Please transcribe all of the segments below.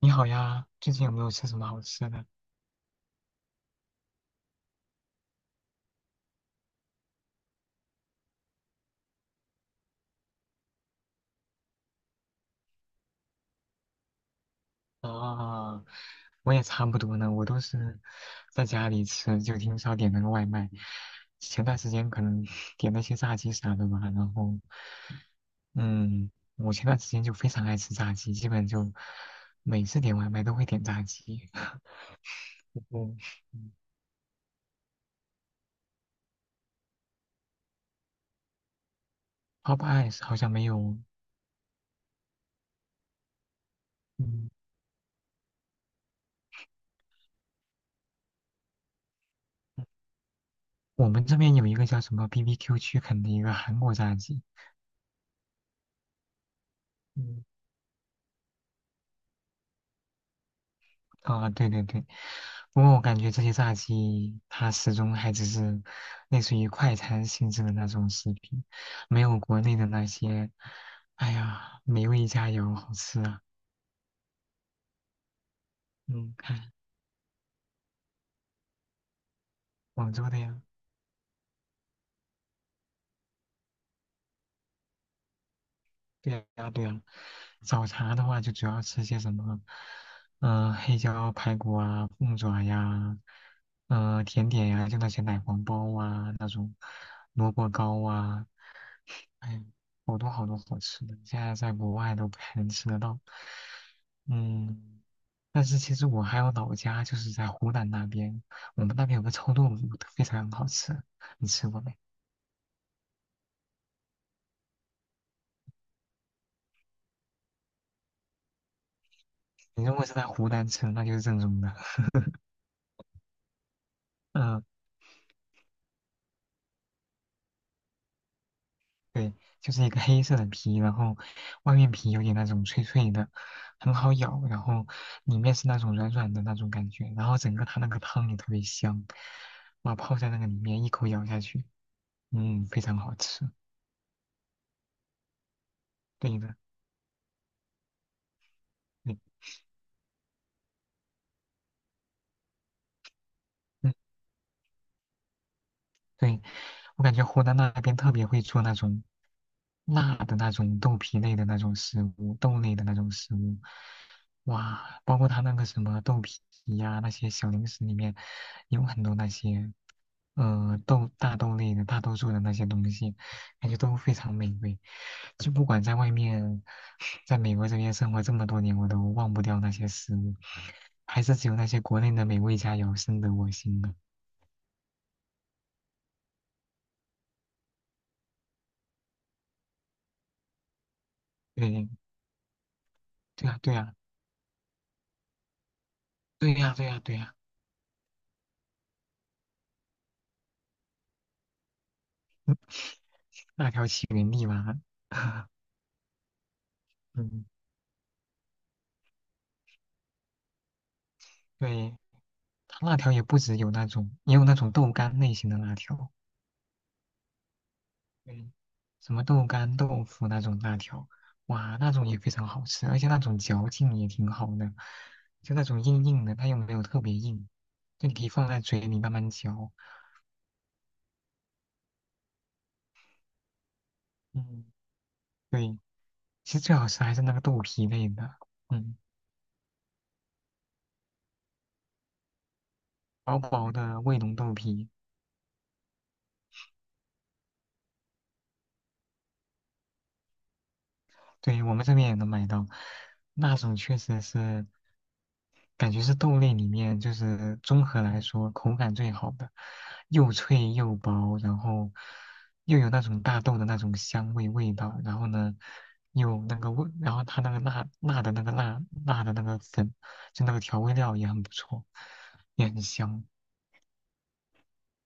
你好呀，最近有没有吃什么好吃的？啊，我也差不多呢，我都是在家里吃，就挺少点那个外卖。前段时间可能 点那些炸鸡啥的吧，然后，嗯，我前段时间就非常爱吃炸鸡，基本就每次点外卖都会点炸鸡。嗯。 Pop Eyes 好像没有，嗯，我们这边有一个叫什么 BBQ 区肯的一个韩国炸鸡。嗯。啊，对对对，不过我感觉这些炸鸡它始终还只是类似于快餐性质的那种食品，没有国内的那些，哎呀，美味佳肴好吃啊。嗯，看广州的呀，对呀对呀，早茶的话就主要吃些什么，嗯、黑椒排骨啊，凤爪呀，嗯、甜点呀，就那些奶黄包啊，那种萝卜糕啊。哎，好多好多好吃的，现在在国外都不太能吃得到。嗯，但是其实我还有老家，就是在湖南那边，我们那边有个臭豆腐，非常好吃，你吃过没？你如果是在湖南吃，那就是正宗的。嗯，对，就是一个黑色的皮，然后外面皮有点那种脆脆的，很好咬，然后里面是那种软软的那种感觉，然后整个它那个汤也特别香，哇，泡在那个里面一口咬下去，嗯，非常好吃。对的，对，嗯，对，我感觉湖南那边特别会做那种辣的那种豆皮类的那种食物，豆类的那种食物，哇，包括他那个什么豆皮呀、那些小零食里面有很多那些，豆大豆类的大多数的那些东西，感觉都非常美味。就不管在外面，在美国这边生活这么多年，我都忘不掉那些食物，还是只有那些国内的美味佳肴深得我心呢。对。对呀，对呀，对呀，对呀，对呀，辣条起源地嘛，嗯，对，它辣条也不只有那种，也有那种豆干类型的辣条，对，什么豆干、豆腐那种辣条，哇，那种也非常好吃，而且那种嚼劲也挺好的，就那种硬硬的，它又没有特别硬，就你可以放在嘴里慢慢嚼，嗯，对，其实最好吃还是那个豆皮类的，嗯，薄薄的卫龙豆皮，对，我们这边也能买到，那种确实是，感觉是豆类里面就是综合来说口感最好的，又脆又薄，然后又有那种大豆的那种香味味道，然后呢，又那个味，然后它那个辣辣的那个粉，就那个调味料也很不错，也很香。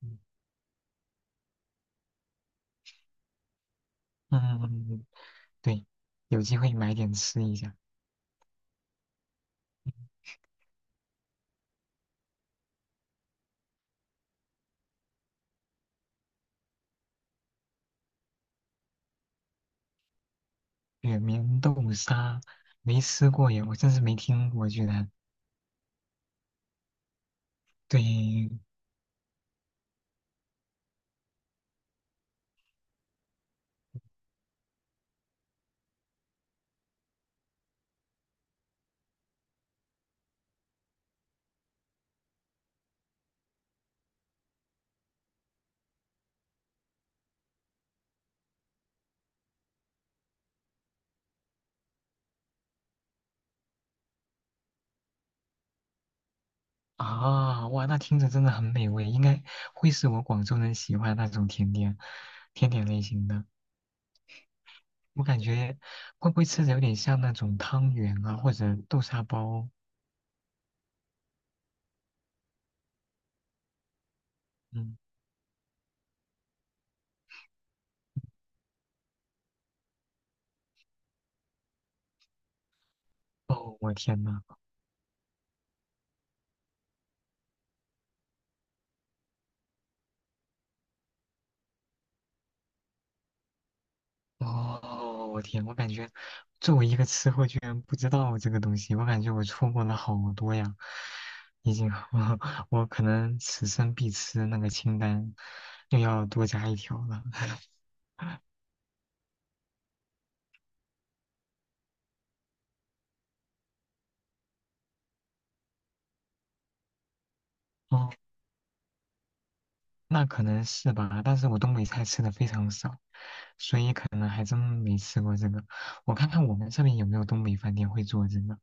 嗯嗯，嗯嗯嗯对，有机会买点吃一下。雪棉豆沙没吃过耶，我真是没听过，居然。对啊，哇，那听着真的很美味，应该会是我广州人喜欢的那种甜点，甜点类型的。我感觉会不会吃着有点像那种汤圆啊，或者豆沙包？嗯，哦，我天呐！哦，我天，我感觉作为一个吃货，居然不知道这个东西，我感觉我错过了好多呀。已经，我可能此生必吃那个清单又要多加一条了。哦，那可能是吧，但是我东北菜吃的非常少，所以呢还真没吃过这个。我看看我们这边有没有东北饭店会做这个，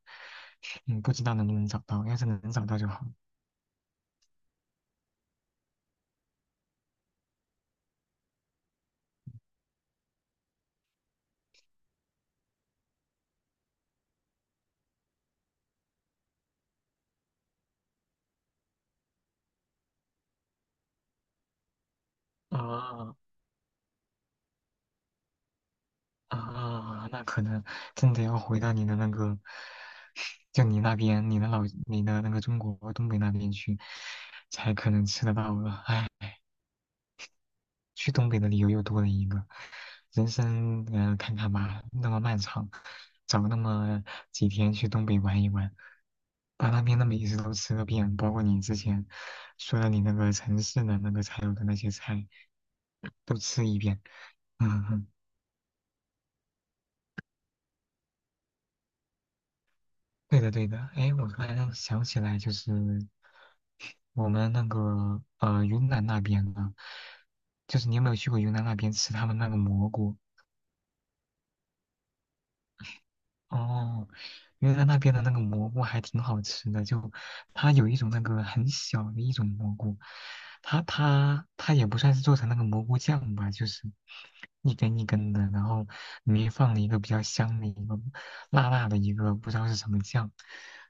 嗯，不知道能不能找到，要是能找到就好。啊，啊，那可能真的要回到你的那个，就你那边，你的老，你的那个中国东北那边去，才可能吃得到了。唉，去东北的理由又多了一个，人生，看看吧，那么漫长，找那么几天去东北玩一玩，把那边的美食都吃个遍，包括你之前说的你那个城市的那个才有的那些菜都吃一遍。嗯对的，对的。哎，我突然想起来，就是我们那个云南那边的，就是你有没有去过云南那边吃他们那个蘑菇？哦，因为来那边的那个蘑菇还挺好吃的，就它有一种那个很小的一种蘑菇，它也不算是做成那个蘑菇酱吧，就是一根一根的，然后里面放了一个比较香的一个辣辣的一个不知道是什么酱，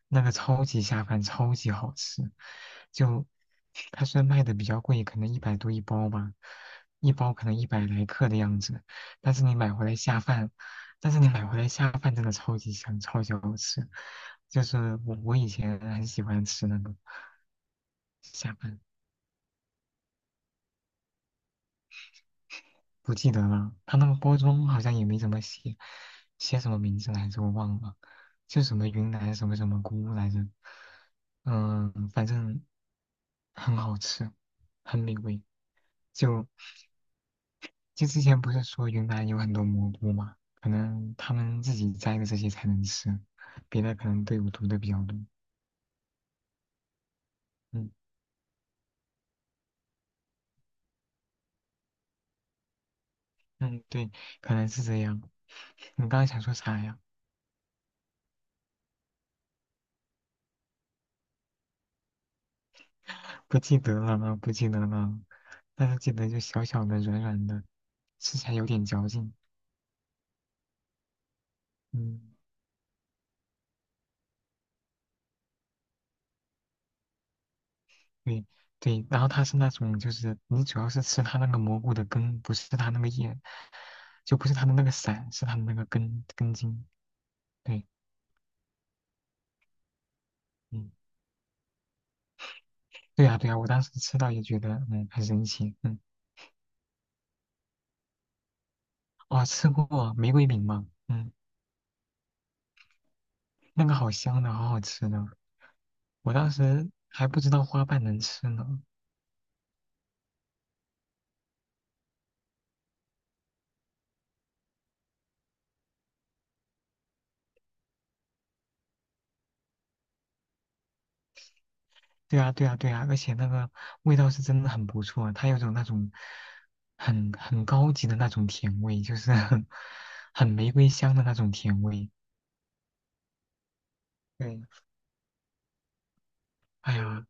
那个超级下饭，超级好吃。就它虽然卖的比较贵，可能一百多一包吧，一包可能一百来克的样子，但是你买回来下饭。但是你买回来下饭真的超级香，超级好吃。就是我以前很喜欢吃那个下饭，不记得了，它那个包装好像也没怎么写，写什么名字来着我忘了，就什么云南什么什么菇来着，嗯，反正很好吃，很美味。就就之前不是说云南有很多蘑菇嘛，可能他们自己摘的这些才能吃，别的可能队伍毒的比较多。嗯。嗯，对，可能是这样。你刚刚想说啥呀？不记得了，不记得了，但是记得就小小的、软软的，吃起来有点嚼劲。嗯，对对。然后它是那种，就是你主要是吃它那个蘑菇的根，不是它那个叶，就不是它的那个伞，是它的那个根根茎。对，嗯，对呀、对呀、我当时吃到也觉得，嗯，很神奇。嗯，哦，吃过玫瑰饼吗？嗯，那个好香的，好好吃的。我当时还不知道花瓣能吃呢。对啊，对啊，对啊，而且那个味道是真的很不错，它有种那种很高级的那种甜味，就是 很玫瑰香的那种甜味。对，哎呀，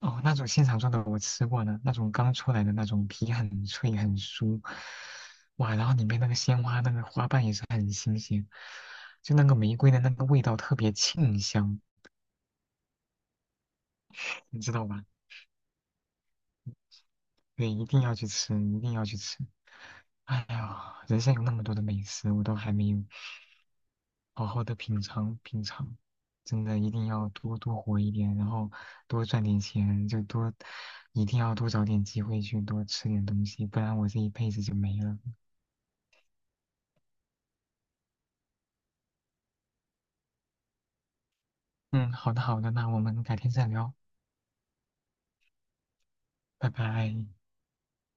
哦，那种现场做的我吃过呢，那种刚出来的那种皮很脆很酥，哇，然后里面那个鲜花那个花瓣也是很新鲜，就那个玫瑰的那个味道特别沁香，你知道吧？对，一定要去吃，一定要去吃。哎呀，人生有那么多的美食，我都还没有好好的品尝品尝。真的，一定要多多活一点，然后多赚点钱，就多，一定要多找点机会去多吃点东西，不然我这一辈子就没了。嗯，好的好的，那我们改天再聊，拜拜。